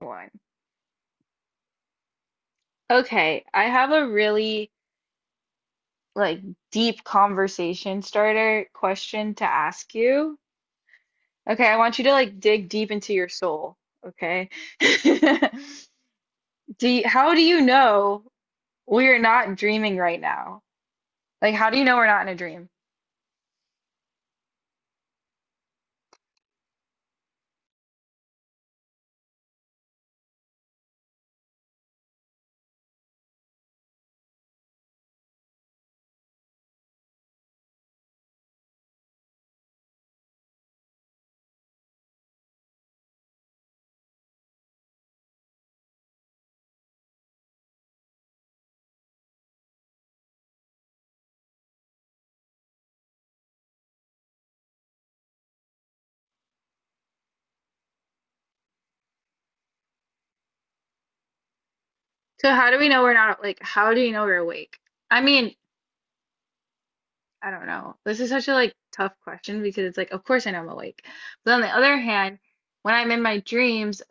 One. Okay, I have a really like deep conversation starter question to ask you. Okay, I want you to like dig deep into your soul, okay? How do you know we're not dreaming right now? Like how do you know we're not in a dream? So how do we know we're not how do you know we're awake? I mean, I don't know. This is such a like tough question because it's like of course I know I'm awake. But on the other hand, when I'm in my dreams,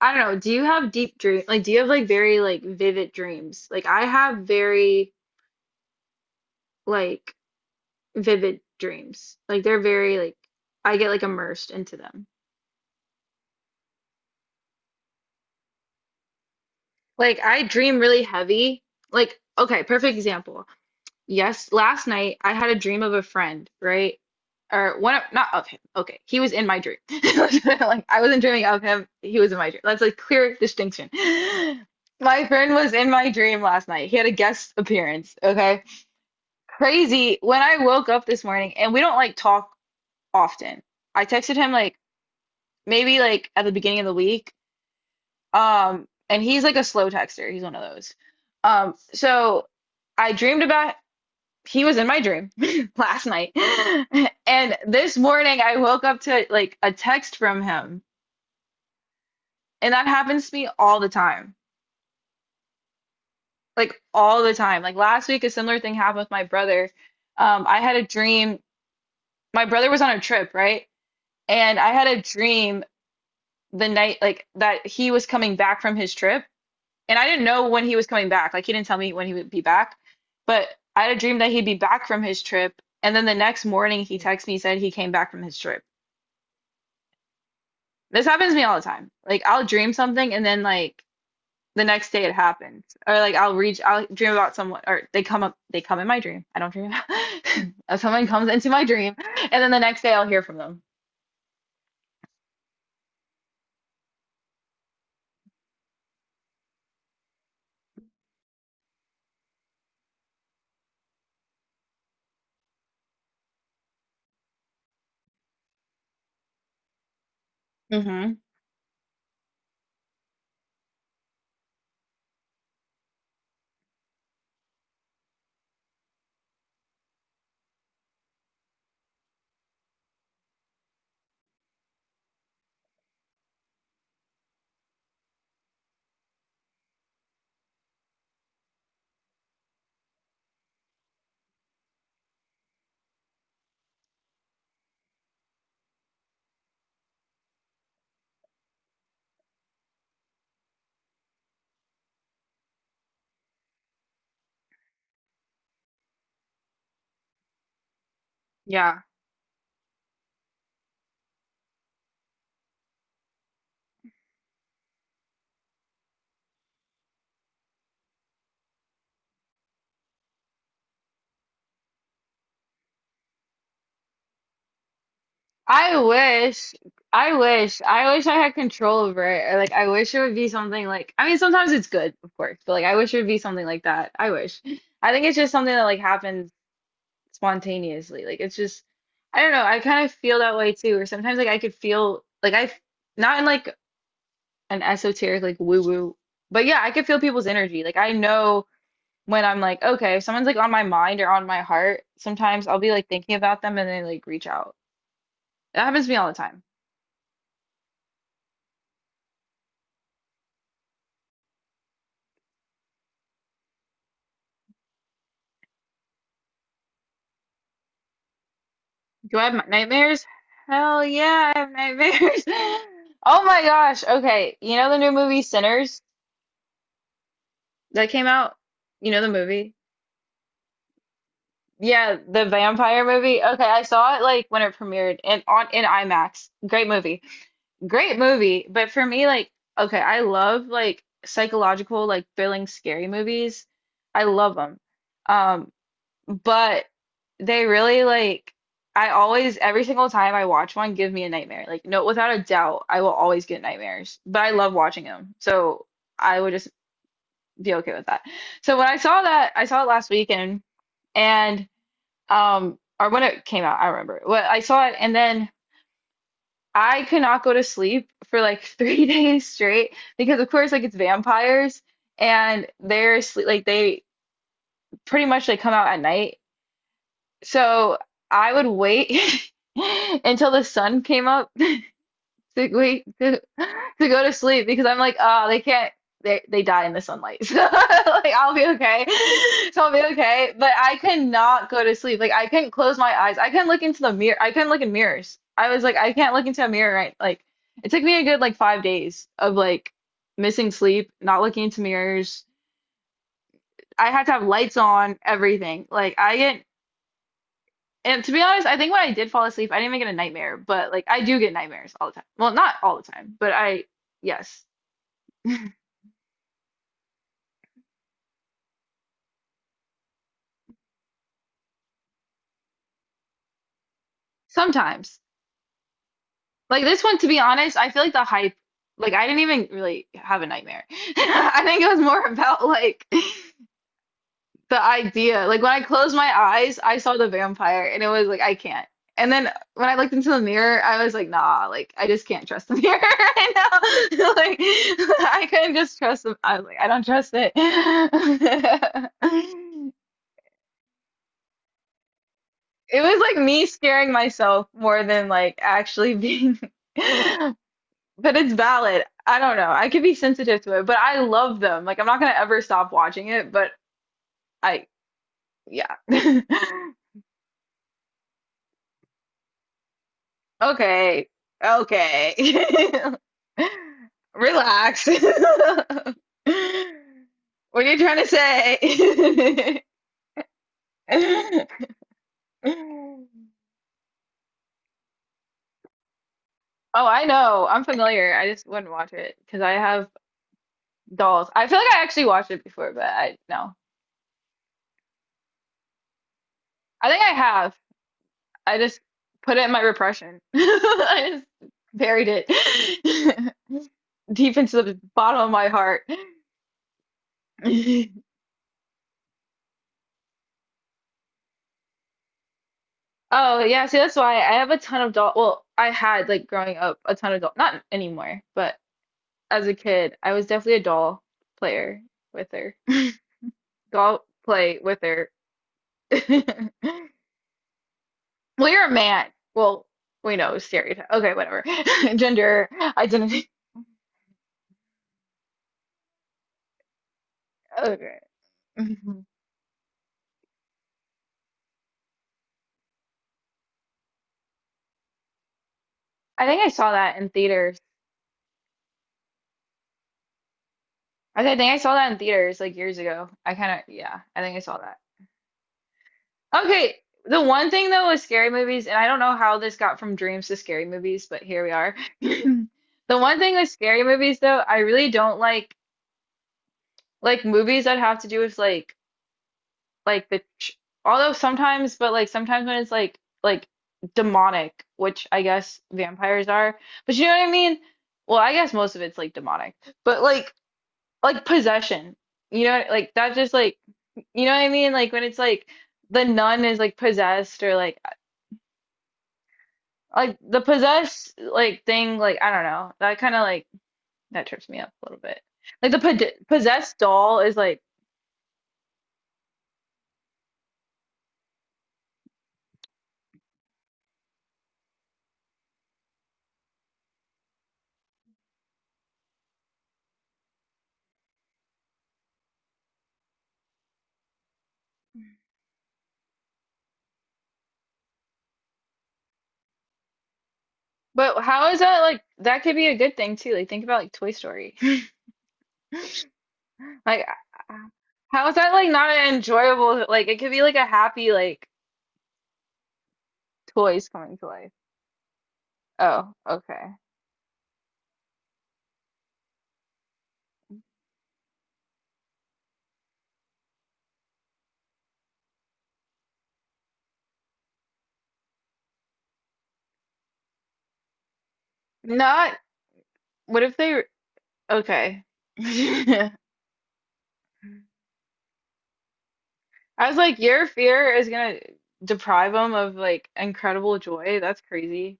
I don't know. Do you have deep dream? Like, do you have like very like vivid dreams? Like, I have very like vivid dreams. Like, they're very like I get like immersed into them. Like, I dream really heavy. Like, okay, perfect example. Yes, last night I had a dream of a friend, right? Or one of not okay, okay. He was in my dream. Like, I wasn't dreaming of him. He was in my dream. That's like clear distinction. My friend was in my dream last night. He had a guest appearance, okay? Crazy when I woke up this morning, and we don't like talk often. I texted him like maybe like at the beginning of the week. And he's like a slow texter. He's one of those. So I dreamed about he was in my dream last night. And this morning I woke up to like a text from him. And that happens to me all the time. Like all the time. Like last week a similar thing happened with my brother. I had a dream. My brother was on a trip, right? And I had a dream the night that he was coming back from his trip and I didn't know when he was coming back. Like he didn't tell me when he would be back, but I had a dream that he'd be back from his trip, and then the next morning he texted me said he came back from his trip. This happens to me all the time. Like I'll dream something and then like the next day it happens. Or like I'll dream about someone or they come in my dream. I don't dream about someone comes into my dream and then the next day I'll hear from them. Hmm. Yeah. I wish, I wish I had control over it. Or like, I wish it would be something like, I mean, sometimes it's good, of course, but like, I wish it would be something like that. I wish. I think it's just something that like happens spontaneously. Like, it's just, I don't know. I kind of feel that way too. Or sometimes like I could feel like I, not in like an esoteric, like woo woo, but yeah, I could feel people's energy. Like, I know when I'm like, okay, if someone's like on my mind or on my heart, sometimes I'll be like thinking about them and they like reach out. It happens to me all the time. Do I have m- nightmares? Hell yeah, I have nightmares. Oh my gosh. Okay, you know the new movie Sinners that came out? You know the movie? Yeah, the vampire movie. Okay, I saw it like when it premiered and on in IMAX. Great movie. Great movie, but for me like okay, I love like psychological like thrilling scary movies. I love them. But they really like I always every single time I watch one give me a nightmare. Like no without a doubt I will always get nightmares. But I love watching them. So I would just be okay with that. So when I saw that I saw it last weekend and or when it came out, I remember. Well, I saw it and then I could not go to sleep for like 3 days straight because of course like it's vampires and they're sleep like they pretty much like come out at night. So I would wait until the sun came up to to go to sleep because I'm like, oh, they can't they die in the sunlight. So like I'll be okay. So I'll be okay. But I could not go to sleep. Like I couldn't close my eyes. I couldn't look into the mirror. I couldn't look in mirrors. I was like, I can't look into a mirror right. Like it took me a good like 5 days of like missing sleep, not looking into mirrors. I had to have lights on, everything. Like I get. And to be honest, I think when I did fall asleep, I didn't even get a nightmare, but like I do get nightmares all the time. Well, not all the time, but I, yes, sometimes. Like this one, to be honest, I feel like the hype, like I didn't even really have a nightmare. I think it was more about like the idea. Like when I closed my eyes, I saw the vampire and it was like, I can't. And then when I looked into the mirror, I was like, nah, like I just can't trust the mirror right now. Like I couldn't just trust them. I was like, I don't trust it. It was like me scaring myself more than like actually being, but it's valid. I don't know. I could be sensitive to it, but I love them. Like I'm not gonna ever stop watching it, but I, yeah. Okay. Okay. Relax. What are you trying to say? Oh, I know. I'm familiar. I just wouldn't watch it because I have dolls. I feel like I actually watched it before, but I no. I think I have. I just put it in my repression. I just buried it deep into the bottom of my heart. Oh yeah, see that's why I have a ton of doll. Well, I had like growing up a ton of doll. Not anymore, but as a kid, I was definitely a doll player with her. Doll play with her. Well, you're a man. Well, we know stereotype. Okay, whatever. Gender identity. Okay. Mhm. I think I saw that in theaters. I think I saw that in theaters like years ago. I kind of, yeah, I think I saw that. Okay, the one thing though with scary movies, and I don't know how this got from dreams to scary movies, but here we are. The one thing with scary movies though, I really don't like movies that have to do with like the ch although sometimes, but like sometimes when it's like demonic, which I guess vampires are, but you know what I mean? Well, I guess most of it's like demonic, but like possession. You know, like that just like you know what I mean? Like when it's like the nun is like possessed or like the possessed like thing like I don't know. That kind of like that trips me up a little bit. Like the possessed doll is like. But how is that like that could be a good thing too. Like think about like Toy Story. Like how is that like not an enjoyable like it could be like a happy like toys coming to life. Oh, okay. Not what if they okay. I was like, your fear is gonna deprive them of like incredible joy. That's crazy.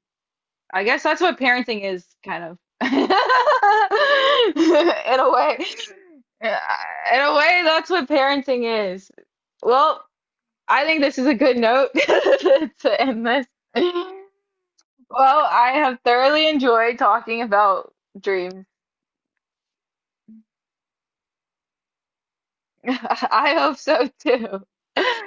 I guess that's what parenting is, kind of. In a way. Yeah, in a way, that's what parenting is. Well, I think this is a good note to end this. Well, I have thoroughly enjoyed talking about dreams. I hope so too.